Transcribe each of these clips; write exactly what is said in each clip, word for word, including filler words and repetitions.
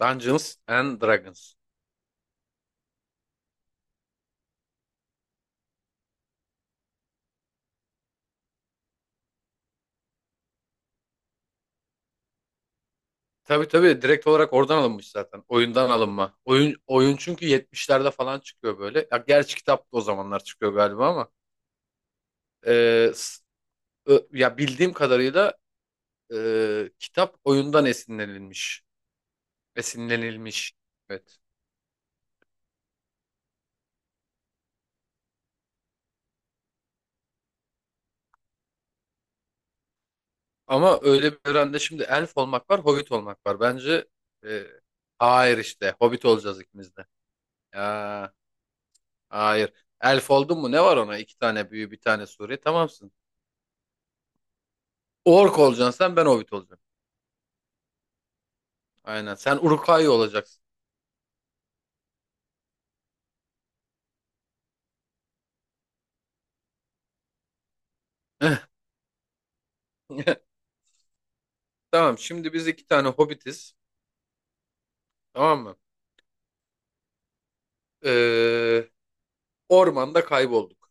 Dungeons and Dragons. Tabii tabii direkt olarak oradan alınmış zaten. Oyundan alınma. Oyun oyun çünkü yetmişlerde falan çıkıyor böyle. Ya gerçi kitap da o zamanlar çıkıyor galiba ama e, s- ö- ya bildiğim kadarıyla e, kitap oyundan esinlenilmiş. Esinlenilmiş. Evet. Ama öyle bir evrende şimdi elf olmak var, hobbit olmak var. Bence e, hayır işte hobbit olacağız ikimiz de. Ya hayır. Elf oldun mu ne var ona? İki tane büyü, bir tane sure. Tamamsın. Ork olacaksın sen ben Hobbit olacağım. Aynen sen Uruk-hai olacaksın. Tamam şimdi biz iki tane Hobbitiz. Tamam mı? Ee, ormanda kaybolduk.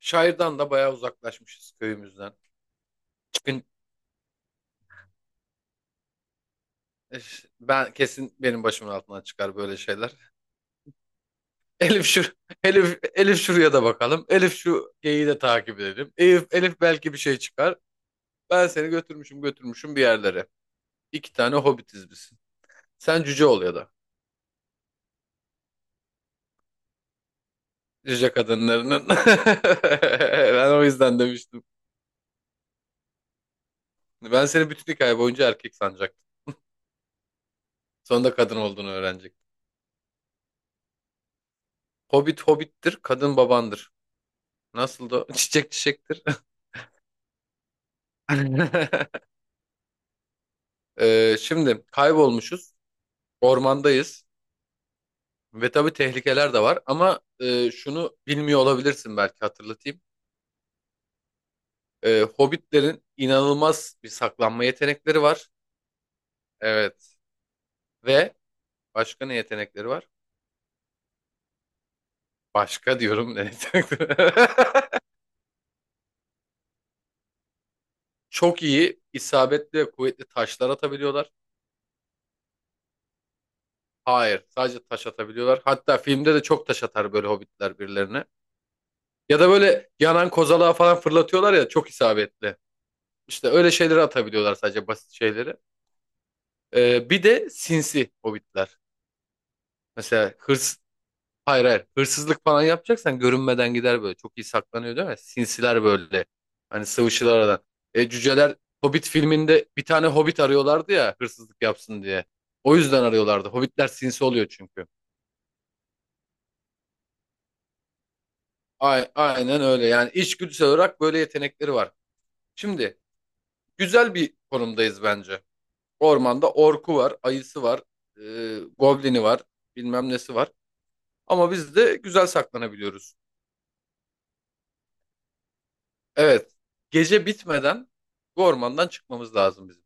Şairden da bayağı uzaklaşmışız köyümüzden. Çıkın ben kesin benim başımın altından çıkar böyle şeyler. Elif şu Elif Elif şuraya da bakalım. Elif şu geyiği de takip edelim. Elif Elif belki bir şey çıkar. Ben seni götürmüşüm götürmüşüm bir yerlere. İki tane Hobbitiz biz. Sen cüce ol ya da. Cüce kadınlarının. Ben o yüzden demiştim. Ben seni bütün hikaye boyunca erkek sanacaktım. Sonunda kadın olduğunu öğrenecektim. Hobbit hobbittir, kadın babandır. Nasıl da çiçek çiçektir. Ee, şimdi kaybolmuşuz, ormandayız ve tabii tehlikeler de var ama e, şunu bilmiyor olabilirsin belki hatırlatayım. Ee, hobbitlerin inanılmaz bir saklanma yetenekleri var. Evet. Ve başka ne yetenekleri var? Başka diyorum ne yetenekleri? Çok iyi, isabetli ve kuvvetli taşlar atabiliyorlar. Hayır, sadece taş atabiliyorlar. Hatta filmde de çok taş atar böyle hobbitler birilerine. Ya da böyle yanan kozalağı falan fırlatıyorlar ya çok isabetli. İşte öyle şeyleri atabiliyorlar sadece basit şeyleri. Ee, bir de sinsi hobbitler. Mesela hırs, Hayır hayır. Hırsızlık falan yapacaksan görünmeden gider böyle. Çok iyi saklanıyor değil mi? Sinsiler böyle. Hani sıvışırlar aradan. E, cüceler Hobbit filminde bir tane Hobbit arıyorlardı ya hırsızlık yapsın diye. O yüzden arıyorlardı. Hobbitler sinsi oluyor çünkü. Ay, aynen öyle. Yani içgüdüsel olarak böyle yetenekleri var. Şimdi güzel bir konumdayız bence. Ormanda orku var, ayısı var, e, goblini var, bilmem nesi var. Ama biz de güzel saklanabiliyoruz. Evet. Gece bitmeden bu ormandan çıkmamız lazım bizim.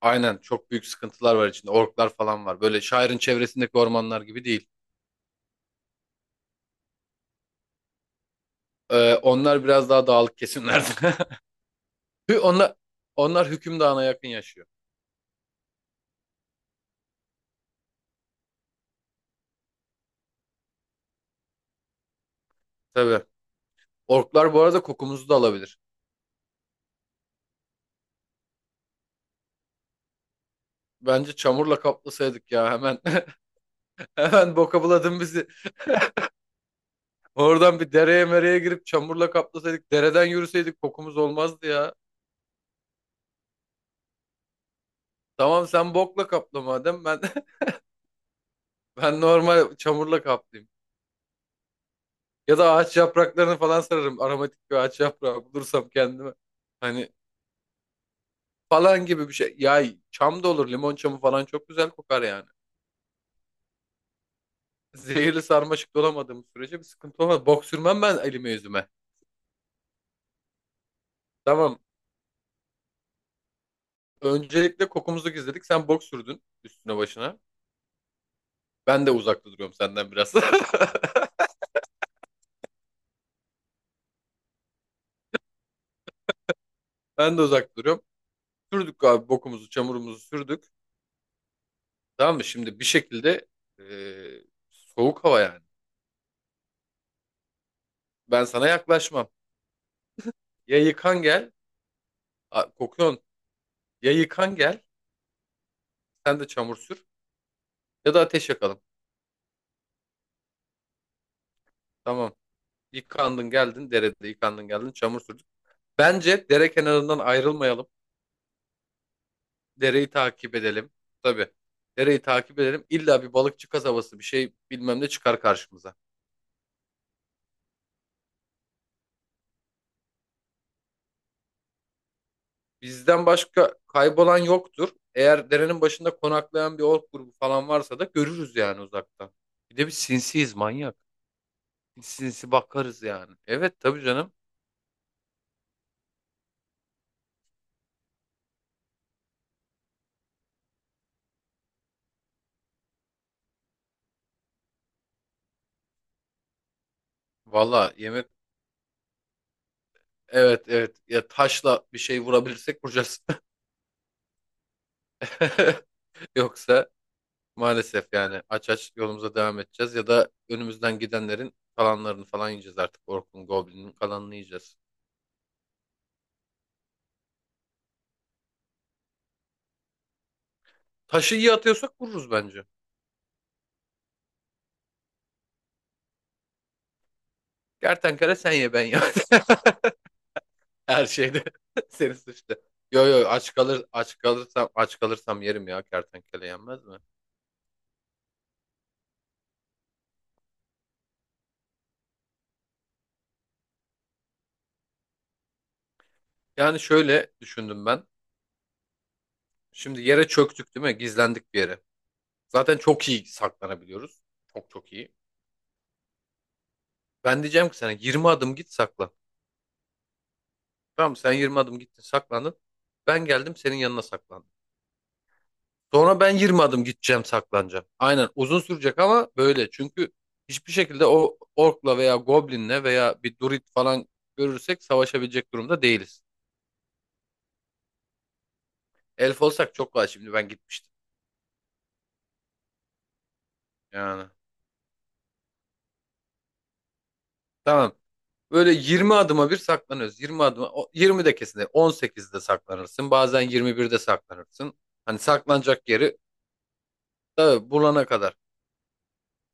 Aynen çok büyük sıkıntılar var içinde. Orklar falan var. Böyle şairin çevresindeki ormanlar gibi değil. Ee, onlar biraz daha dağlık kesimlerde. Hü- Onlar, onlar hüküm dağına yakın yaşıyor. Tabii. Orklar bu arada kokumuzu da alabilir. Bence çamurla kaplasaydık ya hemen. Hemen boka buladın bizi. Oradan bir dereye mereye girip çamurla kaplasaydık. Dereden yürüseydik kokumuz olmazdı ya. Tamam sen bokla kapla madem ben ben normal çamurla kaplayayım. Ya da ağaç yapraklarını falan sararım. Aromatik bir ağaç yaprağı bulursam kendime. Hani falan gibi bir şey. Ya çam da olur. Limon çamı falan çok güzel kokar yani. Zehirli sarmaşık dolamadığım sürece bir sıkıntı olmaz. Bok sürmem ben elime yüzüme. Tamam. Öncelikle kokumuzu gizledik. Sen bok sürdün üstüne başına. Ben de uzak duruyorum senden biraz. Ben de uzak duruyorum. Sürdük abi bokumuzu, çamurumuzu sürdük. Tamam mı? Şimdi bir şekilde e, soğuk hava yani. Ben sana yaklaşmam. Ya yıkan gel, a- kokuyorsun. Ya yıkan gel, sen de çamur sür ya da ateş yakalım. Tamam. Yıkandın geldin derede yıkandın geldin çamur sürdün. Bence dere kenarından ayrılmayalım. Dereyi takip edelim. Tabii. Dereyi takip edelim. İlla bir balıkçı kasabası bir şey bilmem ne çıkar karşımıza. Bizden başka kaybolan yoktur. Eğer derenin başında konaklayan bir ork grubu falan varsa da görürüz yani uzaktan. Bir de biz sinsiyiz manyak. Sinsi sinsi bakarız yani. Evet tabii canım. Valla yemek Evet evet ya taşla bir şey vurabilirsek vuracağız. Yoksa maalesef yani aç aç yolumuza devam edeceğiz ya da önümüzden gidenlerin kalanlarını falan yiyeceğiz artık. Orkun Goblin'in kalanını yiyeceğiz. Taşı iyi atıyorsak vururuz bence. Kertenkele sen ye ben ye. Her şeyde seni suçlu. Yo yo aç kalır aç kalırsam aç kalırsam yerim ya kertenkele yenmez mi? Yani şöyle düşündüm ben. Şimdi yere çöktük değil mi? Gizlendik bir yere. Zaten çok iyi saklanabiliyoruz. Çok çok iyi. Ben diyeceğim ki sana yirmi adım git saklan. Tamam mı? Sen yirmi adım gittin saklandın. Ben geldim senin yanına saklandım. Sonra ben yirmi adım gideceğim saklanacağım. Aynen uzun sürecek ama böyle. Çünkü hiçbir şekilde o orkla veya goblinle veya bir druid falan görürsek savaşabilecek durumda değiliz. Elf olsak çok kolay şimdi ben gitmiştim. Yani tamam. Böyle yirmi adıma bir saklanıyoruz. yirmi adıma o- yirmi de kesin değil. on sekizde saklanırsın. Bazen yirmi birde saklanırsın. Hani saklanacak yeri tabii bulana kadar.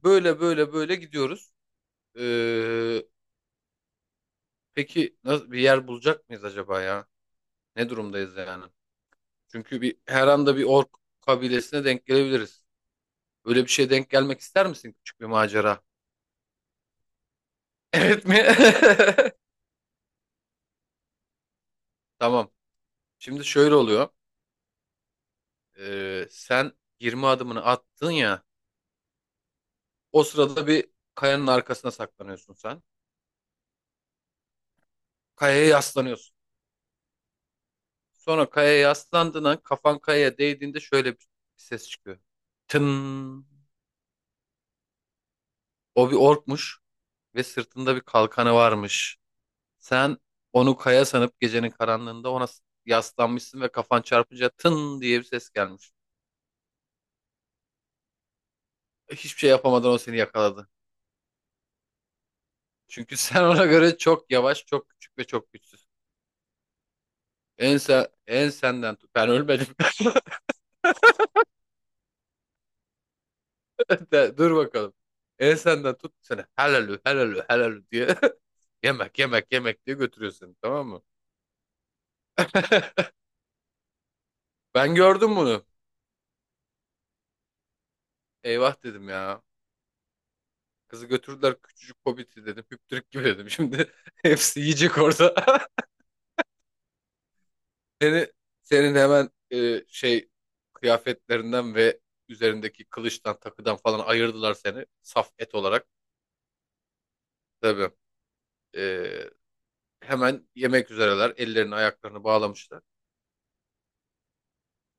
Böyle böyle böyle gidiyoruz. Ee, peki nasıl bir yer bulacak mıyız acaba ya? Ne durumdayız yani? Çünkü bir her anda bir ork kabilesine denk gelebiliriz. Öyle bir şeye denk gelmek ister misin? Küçük bir macera. Evet mi? Tamam. Şimdi şöyle oluyor. Ee, sen yirmi adımını attın ya. O sırada bir kayanın arkasına saklanıyorsun sen. Kayaya yaslanıyorsun. Sonra kayaya yaslandığın kafan kayaya değdiğinde şöyle bir ses çıkıyor. Tın. O bir orkmuş. ve sırtında bir kalkanı varmış. Sen onu kaya sanıp gecenin karanlığında ona yaslanmışsın ve kafan çarpınca tın diye bir ses gelmiş. Hiçbir şey yapamadan o seni yakaladı. Çünkü sen ona göre çok yavaş, çok küçük ve çok güçsüz. En, sen, en senden tut. Ben ölmedim. De- Dur bakalım. En senden tut seni. Helalü, helalü, helalü diye. Yemek, yemek, yemek diye götürüyor seni. Tamam mı? Ben gördüm bunu. Eyvah dedim ya. Kızı götürdüler küçücük hobbiti dedim. Hüptürük gibi dedim. Şimdi hepsi yiyecek orada. Seni, senin hemen e, şey kıyafetlerinden ve üzerindeki kılıçtan takıdan falan ayırdılar seni. Saf et olarak. Tabii. E, hemen yemek üzereler. Ellerini ayaklarını bağlamışlar.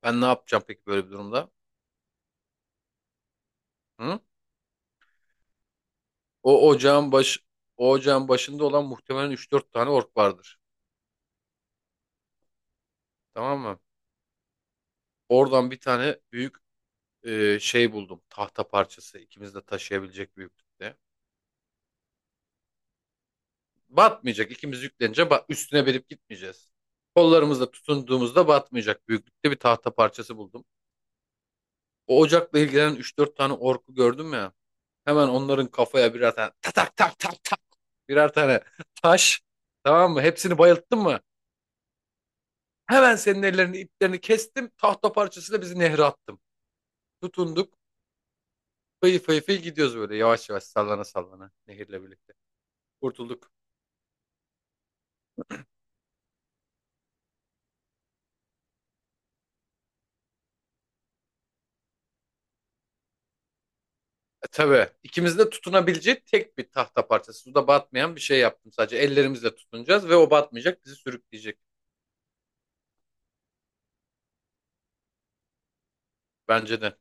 Ben ne yapacağım peki böyle bir durumda? Hı? O ocağın baş, o ocağın başında olan muhtemelen üç dört tane ork vardır. Tamam mı? Oradan bir tane büyük e, şey buldum. Tahta parçası ikimiz de taşıyabilecek büyüklükte. Batmayacak. İkimiz yüklenince ba- üstüne verip gitmeyeceğiz. Kollarımızla tutunduğumuzda batmayacak büyüklükte bir tahta parçası buldum. O ocakla ilgilenen üç dört tane orku gördüm ya. Hemen onların kafaya birer tane tak tak tak tak tak birer tane taş tamam mı? Hepsini bayılttım mı? Hemen senin ellerini iplerini kestim. Tahta parçasıyla bizi nehre attım. Tutunduk. Fıy fıy fıy gidiyoruz böyle yavaş yavaş sallana sallana nehirle birlikte. Kurtulduk. E, tabii ikimizin de tutunabileceği tek bir tahta parçası. Suda batmayan bir şey yaptım sadece. Ellerimizle tutunacağız ve o batmayacak, bizi sürükleyecek. Bence de.